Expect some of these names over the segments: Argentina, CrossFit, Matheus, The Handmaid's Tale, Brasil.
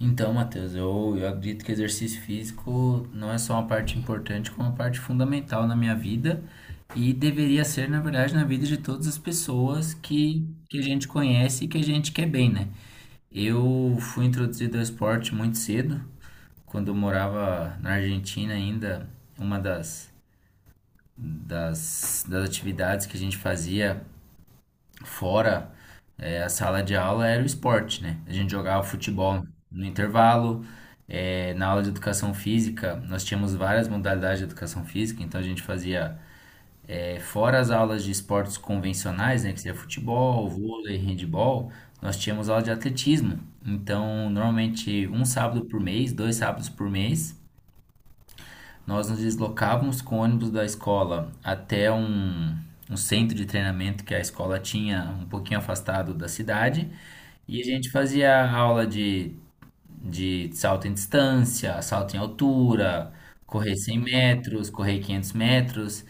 Então, Matheus, eu acredito que exercício físico não é só uma parte importante, como uma parte fundamental na minha vida e deveria ser, na verdade, na vida de todas as pessoas que a gente conhece e que a gente quer bem, né? Eu fui introduzido ao esporte muito cedo, quando eu morava na Argentina ainda, uma das atividades que a gente fazia fora a sala de aula era o esporte, né? A gente jogava futebol no intervalo. Na aula de educação física, nós tínhamos várias modalidades de educação física, então a gente fazia, fora as aulas de esportes convencionais, né, que seria futebol, vôlei, handebol, nós tínhamos aula de atletismo. Então, normalmente, um sábado por mês, 2 sábados por mês, nós nos deslocávamos com o ônibus da escola até um centro de treinamento que a escola tinha um pouquinho afastado da cidade. E a gente fazia aula de salto em distância, salto em altura, correr 100 metros, correr 500 metros.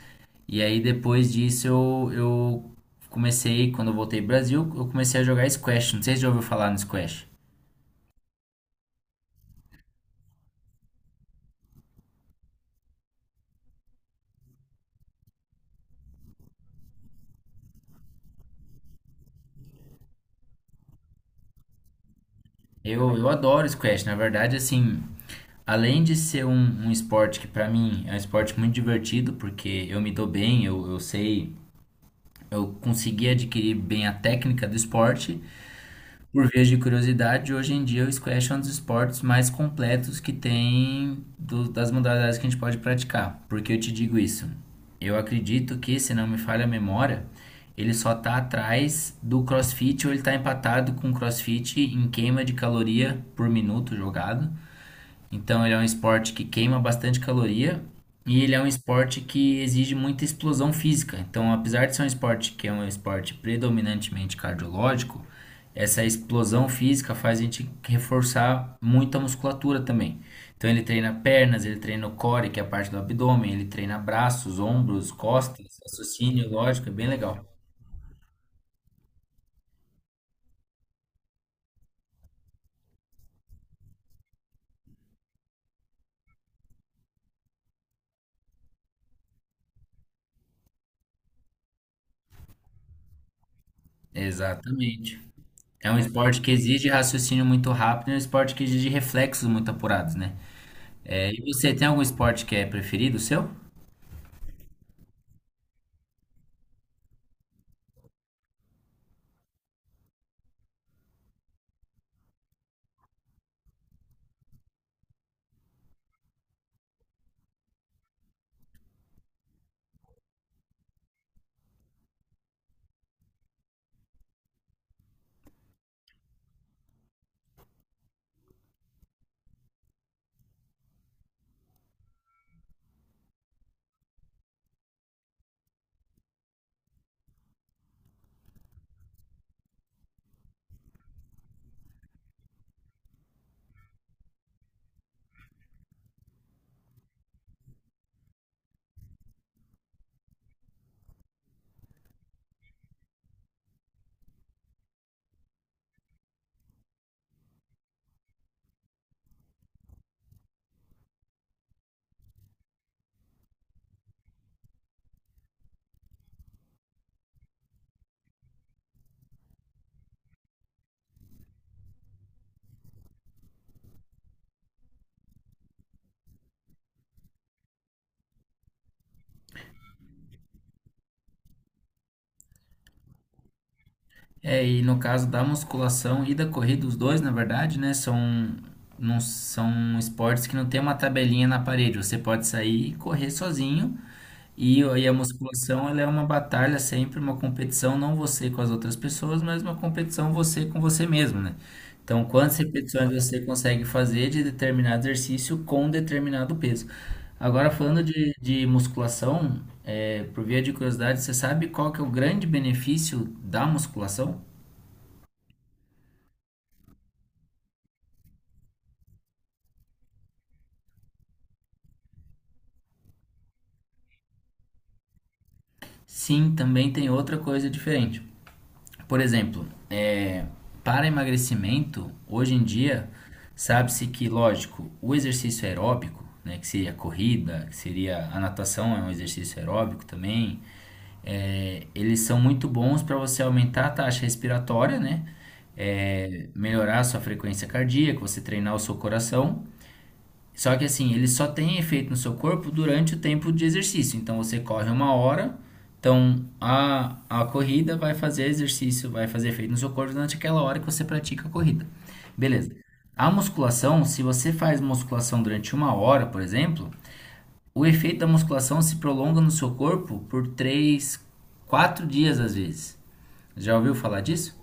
E aí depois disso eu comecei, quando eu voltei pro Brasil, eu comecei a jogar squash. Não sei se já ouviu falar no squash. Eu adoro squash, na verdade, assim, além de ser um esporte que pra mim é um esporte muito divertido, porque eu me dou bem, eu sei, eu consegui adquirir bem a técnica do esporte. Por via de curiosidade, hoje em dia o squash é um dos esportes mais completos que tem das modalidades que a gente pode praticar. Por que eu te digo isso? Eu acredito que, se não me falha a memória, ele só tá atrás do CrossFit ou ele tá empatado com o CrossFit em queima de caloria por minuto jogado. Então ele é um esporte que queima bastante caloria e ele é um esporte que exige muita explosão física. Então, apesar de ser um esporte que é um esporte predominantemente cardiológico, essa explosão física faz a gente reforçar muito a musculatura também. Então ele treina pernas, ele treina o core, que é a parte do abdômen, ele treina braços, ombros, costas, raciocínio, lógico, é bem legal. Exatamente. É um esporte que exige raciocínio muito rápido, e é um esporte que exige reflexos muito apurados, né? É, e você tem algum esporte que é preferido seu? É, e no caso da musculação e da corrida, os dois, na verdade, né, são esportes que não tem uma tabelinha na parede. Você pode sair e correr sozinho. E a musculação, ela é uma batalha sempre, uma competição, não você com as outras pessoas, mas uma competição você com você mesmo, né? Então, quantas repetições você consegue fazer de determinado exercício com determinado peso? Agora, falando de musculação, é, por via de curiosidade, você sabe qual que é o grande benefício da musculação? Sim, também tem outra coisa diferente. Por exemplo, para emagrecimento, hoje em dia, sabe-se que, lógico, o exercício aeróbico, né, que seria a corrida, que seria a natação, é um exercício aeróbico também, é, eles são muito bons para você aumentar a taxa respiratória, né? É, melhorar a sua frequência cardíaca, você treinar o seu coração. Só que assim, ele só tem efeito no seu corpo durante o tempo de exercício. Então você corre uma hora, então a corrida vai fazer exercício, vai fazer efeito no seu corpo durante aquela hora que você pratica a corrida. Beleza. A musculação, se você faz musculação durante uma hora, por exemplo, o efeito da musculação se prolonga no seu corpo por 3 a 4 dias às vezes. Já ouviu falar disso?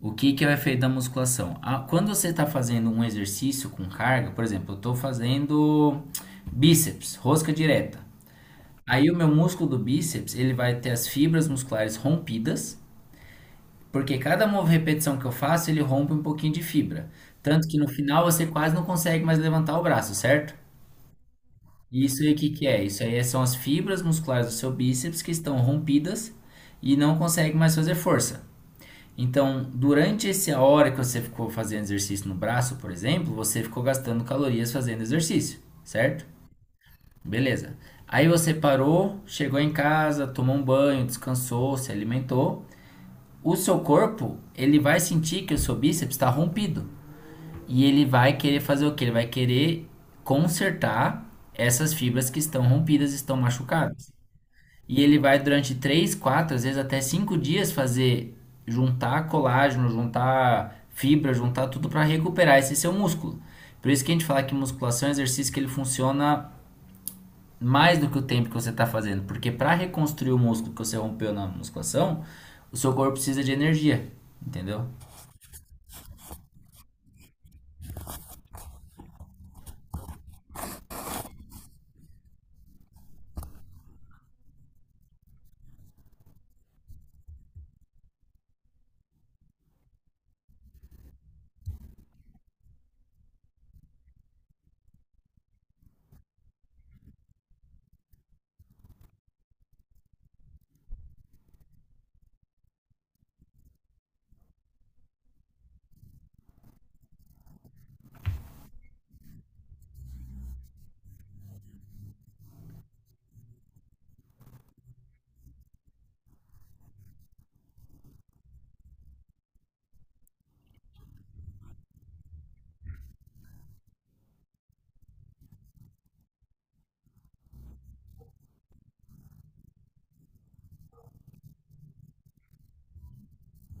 O que que é o efeito da musculação? Ah, quando você está fazendo um exercício com carga, por exemplo, eu estou fazendo bíceps, rosca direta. Aí o meu músculo do bíceps, ele vai ter as fibras musculares rompidas, porque cada repetição que eu faço, ele rompe um pouquinho de fibra. Tanto que no final você quase não consegue mais levantar o braço, certo? E isso aí o que que é? Isso aí são as fibras musculares do seu bíceps que estão rompidas e não consegue mais fazer força. Então, durante essa hora que você ficou fazendo exercício no braço, por exemplo, você ficou gastando calorias fazendo exercício, certo? Beleza. Aí você parou, chegou em casa, tomou um banho, descansou, se alimentou. O seu corpo, ele vai sentir que o seu bíceps está rompido. E ele vai querer fazer o quê? Ele vai querer consertar essas fibras que estão rompidas, estão machucadas. E ele vai durante 3, 4 às vezes até 5 dias fazer juntar colágeno, juntar fibra, juntar tudo para recuperar esse seu músculo. Por isso que a gente fala que musculação é um exercício que ele funciona mais do que o tempo que você está fazendo, porque para reconstruir o músculo que você rompeu na musculação, o seu corpo precisa de energia, entendeu?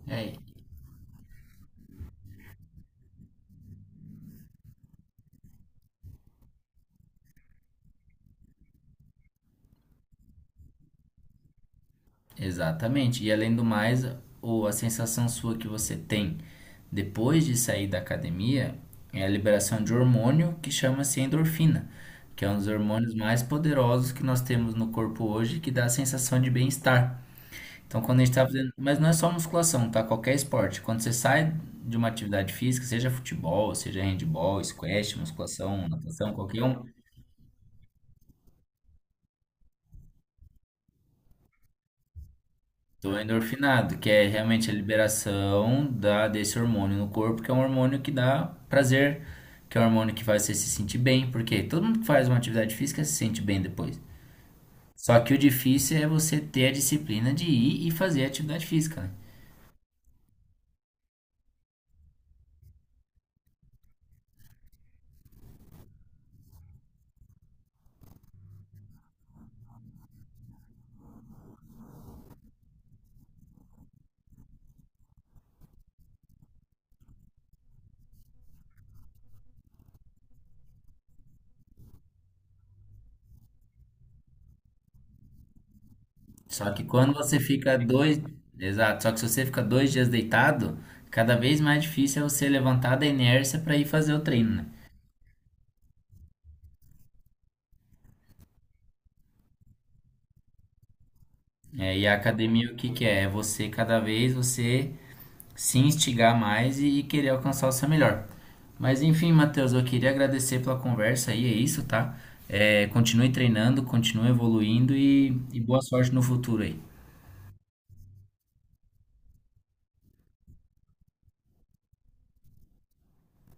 E aí? Exatamente. E além do mais, o, a sensação sua que você tem depois de sair da academia é a liberação de hormônio que chama-se endorfina, que é um dos hormônios mais poderosos que nós temos no corpo hoje, que dá a sensação de bem-estar. Então, quando a gente está fazendo. Mas não é só musculação, tá? Qualquer esporte. Quando você sai de uma atividade física, seja futebol, seja handball, squash, musculação, natação, qualquer um, do endorfinado, que é realmente a liberação desse hormônio no corpo, que é um hormônio que dá prazer, que é um hormônio que faz você se sentir bem, porque todo mundo que faz uma atividade física se sente bem depois. Só que o difícil é você ter a disciplina de ir e fazer a atividade física, né? Só que quando você fica dois, exato, só que se você fica 2 dias deitado, cada vez mais difícil é você levantar da inércia para ir fazer o treino, né? É, e a academia o que que é? É você cada vez você se instigar mais e querer alcançar o seu melhor. Mas enfim, Matheus, eu queria agradecer pela conversa aí, é isso, tá? É, continue treinando, continue evoluindo e boa sorte no futuro aí.